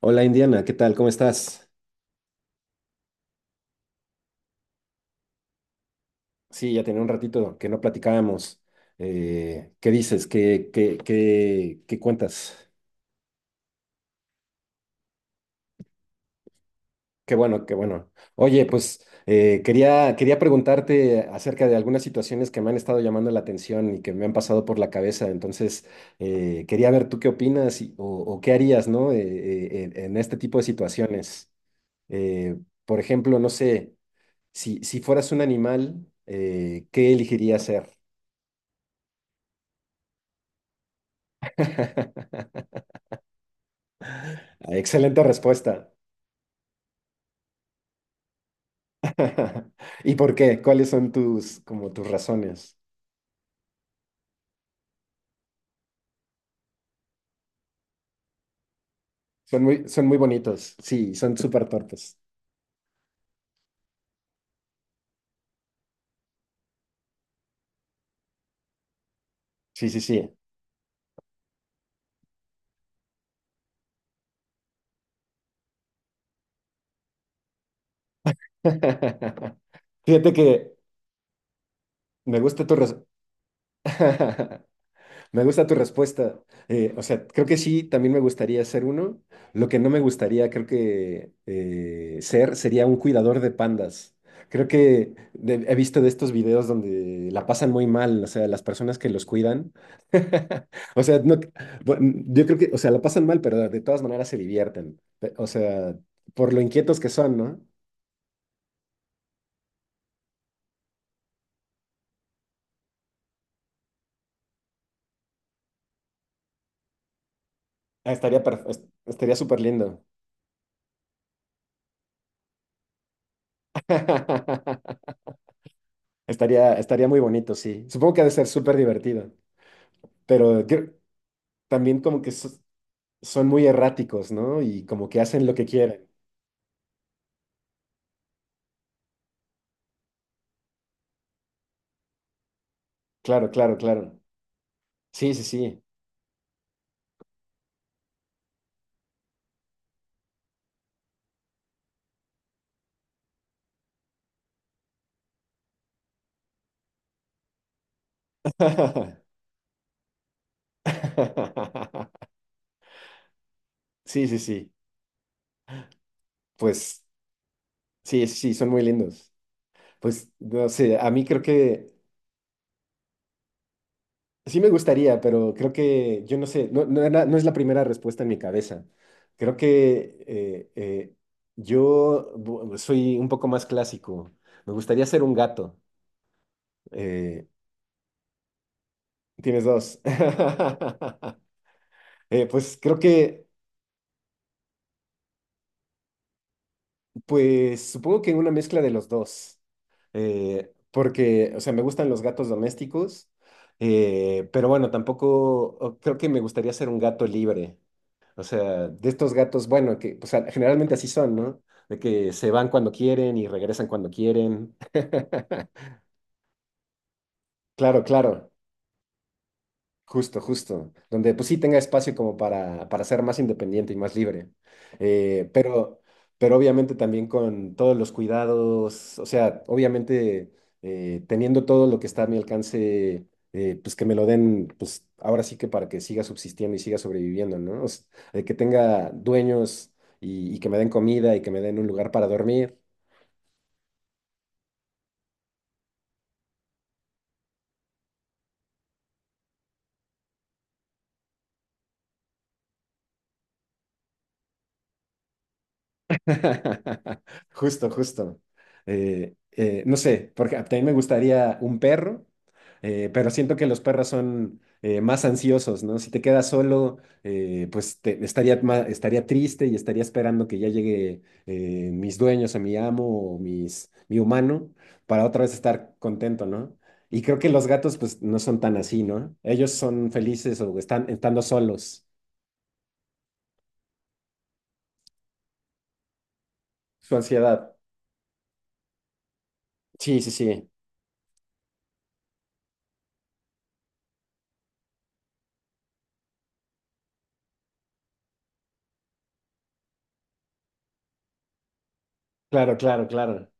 Hola Indiana, ¿qué tal? ¿Cómo estás? Sí, ya tenía un ratito que no platicábamos. ¿Qué dices? ¿Qué cuentas? Qué bueno, qué bueno. Oye, pues quería preguntarte acerca de algunas situaciones que me han estado llamando la atención y que me han pasado por la cabeza. Entonces, quería ver tú qué opinas o qué harías, ¿no? En este tipo de situaciones eh, por ejemplo, no sé, si, si fueras un animal, ¿qué elegirías ser? Ah, excelente respuesta. ¿Y por qué? ¿Cuáles son tus, como tus razones? Son muy bonitos. Sí, son súper torpes. Sí, sí, sí. Fíjate que me gusta tu respuesta. Me gusta tu respuesta. O sea, creo que sí, también me gustaría ser uno. Lo que no me gustaría, creo que ser, sería un cuidador de pandas. Creo que he visto de estos videos donde la pasan muy mal, o sea, las personas que los cuidan. O sea, no, bueno, yo creo que, o sea, la pasan mal, pero de todas maneras se divierten. O sea, por lo inquietos que son, ¿no? Ah, estaría, estaría súper lindo. Estaría, estaría muy bonito, sí. Supongo que ha de ser súper divertido. pero creo- también como que son muy erráticos, ¿no? Y como que hacen lo que quieren. Claro, claro, claro. Sí, sí, sí. Sí, sí, sí. Pues sí, sí, sí, son muy lindos. Pues no sé, a mí creo que sí me gustaría, pero creo que yo no sé, no, no, no es la primera respuesta en mi cabeza. Creo que soy un poco más clásico. Me gustaría ser un gato. Eh, tienes dos. Pues creo que, pues supongo que una mezcla de los dos. Porque, o sea, me gustan los gatos domésticos, pero bueno, tampoco creo que me gustaría ser un gato libre, o sea, de estos gatos, bueno, que o sea, generalmente así son, ¿no? De que se van cuando quieren y regresan cuando quieren. Claro, claro. Justo, justo, donde pues sí tenga espacio como para ser más independiente y más libre. Eh, pero, pero obviamente también con todos los cuidados, o sea, obviamente teniendo todo lo que está a mi alcance, pues que me lo den, pues ahora sí que para que siga subsistiendo y siga sobreviviendo, ¿no? Que tenga dueños y que me den comida y que me den un lugar para dormir. Justo, justo. No sé, porque a también me gustaría un perro, pero siento que los perros son más ansiosos, ¿no? Si te quedas solo, pues estaría, estaría triste y estaría esperando que ya llegue mis dueños o mi amo o mis, mi humano para otra vez estar contento, ¿no? Y creo que los gatos, pues, no son tan así, ¿no? Ellos son felices o están estando solos. Su ansiedad. Sí, sí, sí. Claro, claro, claro.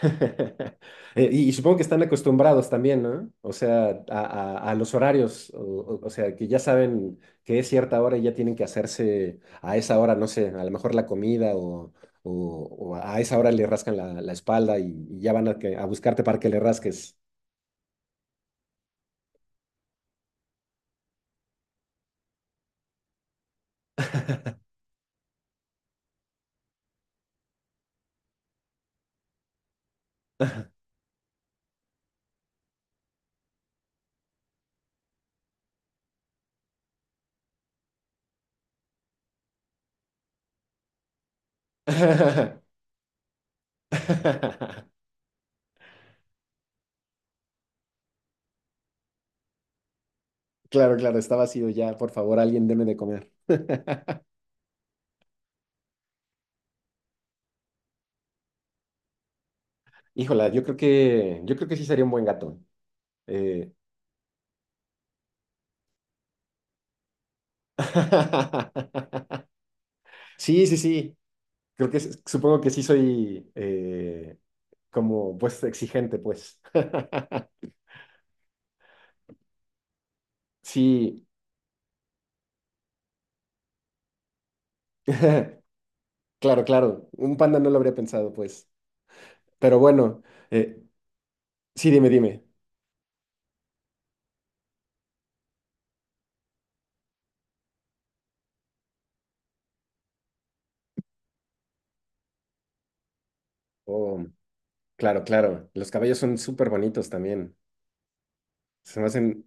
Y supongo que están acostumbrados también, ¿no? O sea, a, a los horarios, o, o sea, que ya saben que es cierta hora y ya tienen que hacerse a esa hora, no sé, a lo mejor la comida o, o a esa hora le rascan la, la espalda y ya van a, a buscarte para que le rasques. Claro, claro, está vacío ya, por favor, alguien deme de comer. Híjola, yo creo que sí sería un buen gato. Eh, sí, sí, sí. Creo que supongo que sí soy como pues exigente, pues. Sí, claro, claro. Un panda no lo habría pensado, pues. Pero bueno, eh, sí, dime, dime. Oh, claro, claro. Los caballos son súper bonitos también. Se me hacen,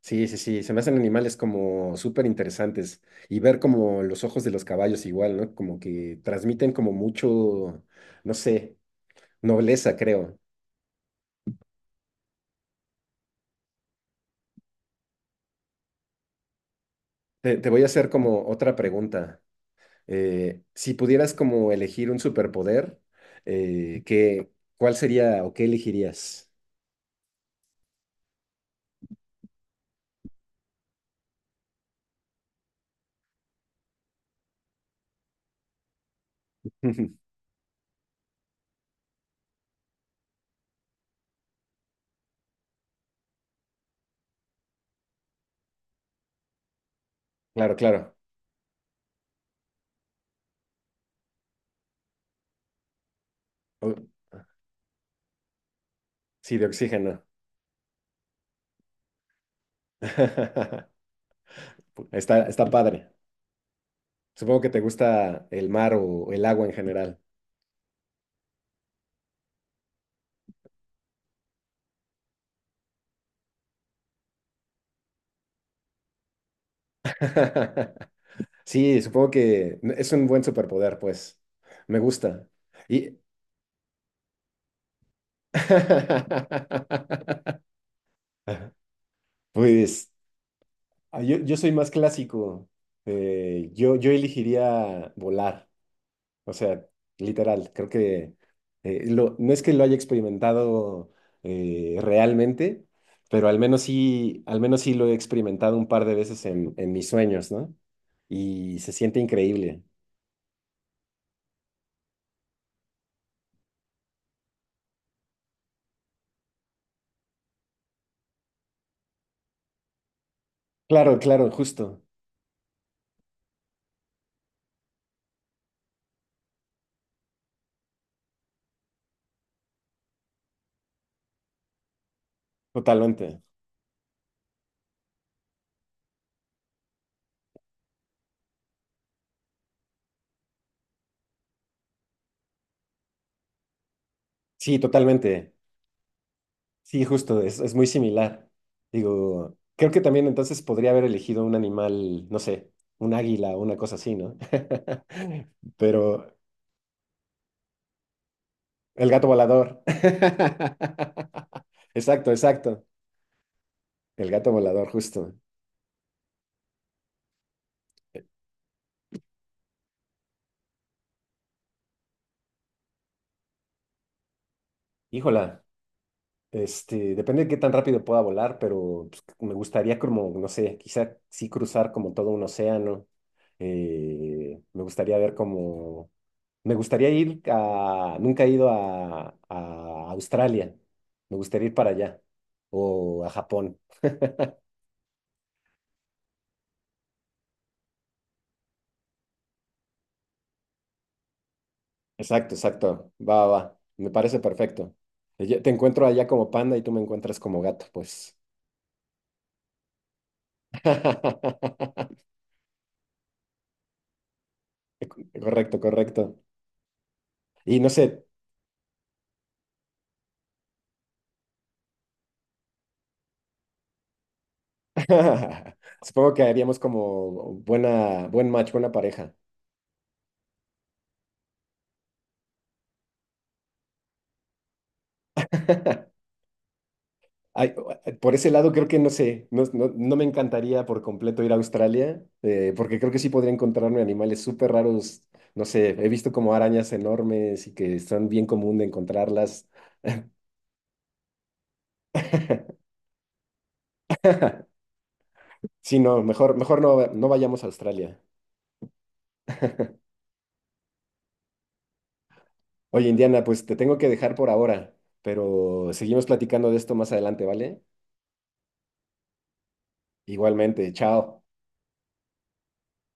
sí, sí, sí, se me hacen animales como súper interesantes. Y ver como los ojos de los caballos igual, ¿no? Como que transmiten como mucho, no sé, nobleza, creo. Te voy a hacer como otra pregunta. Si pudieras como elegir un superpoder, eh, ¿qué- ¿cuál sería o qué elegirías? Claro, claro. O- sí, de oxígeno. Está, está padre. Supongo que te gusta el mar o el agua en general. Sí, supongo que es un buen superpoder, pues. Me gusta. Y... Pues ah, yo soy más clásico. Yo, yo elegiría volar. O sea, literal, creo que no es que lo haya experimentado realmente, pero al menos sí lo he experimentado un par de veces en mis sueños, ¿no? Y se siente increíble. Claro, claro, justo, totalmente. Sí, totalmente. Sí, justo, es muy similar. Digo, creo que también entonces podría haber elegido un animal, no sé, un águila o una cosa así, ¿no? Pero el gato volador. Exacto, exacto. El gato volador, justo. Híjola, este, depende de qué tan rápido pueda volar, pero pues, me gustaría como, no sé, quizá sí cruzar como todo un océano. Me gustaría ver como, me gustaría ir a, nunca he ido a Australia, me gustaría ir para allá, o a Japón. Exacto, exacto. Va, va, va. Me parece perfecto. Te encuentro allá como panda y tú me encuentras como gato, pues. Correcto, correcto. Y no sé, supongo que haríamos como buena, buen match, buena pareja. Ay, por ese lado creo que no sé, no, no me encantaría por completo ir a Australia, porque creo que sí podría encontrarme animales súper raros, no sé, he visto como arañas enormes y que son bien común de encontrarlas. Sí, no, mejor, mejor no, no vayamos a Australia. Oye, Indiana, pues te tengo que dejar por ahora, pero seguimos platicando de esto más adelante, ¿vale? Igualmente, chao.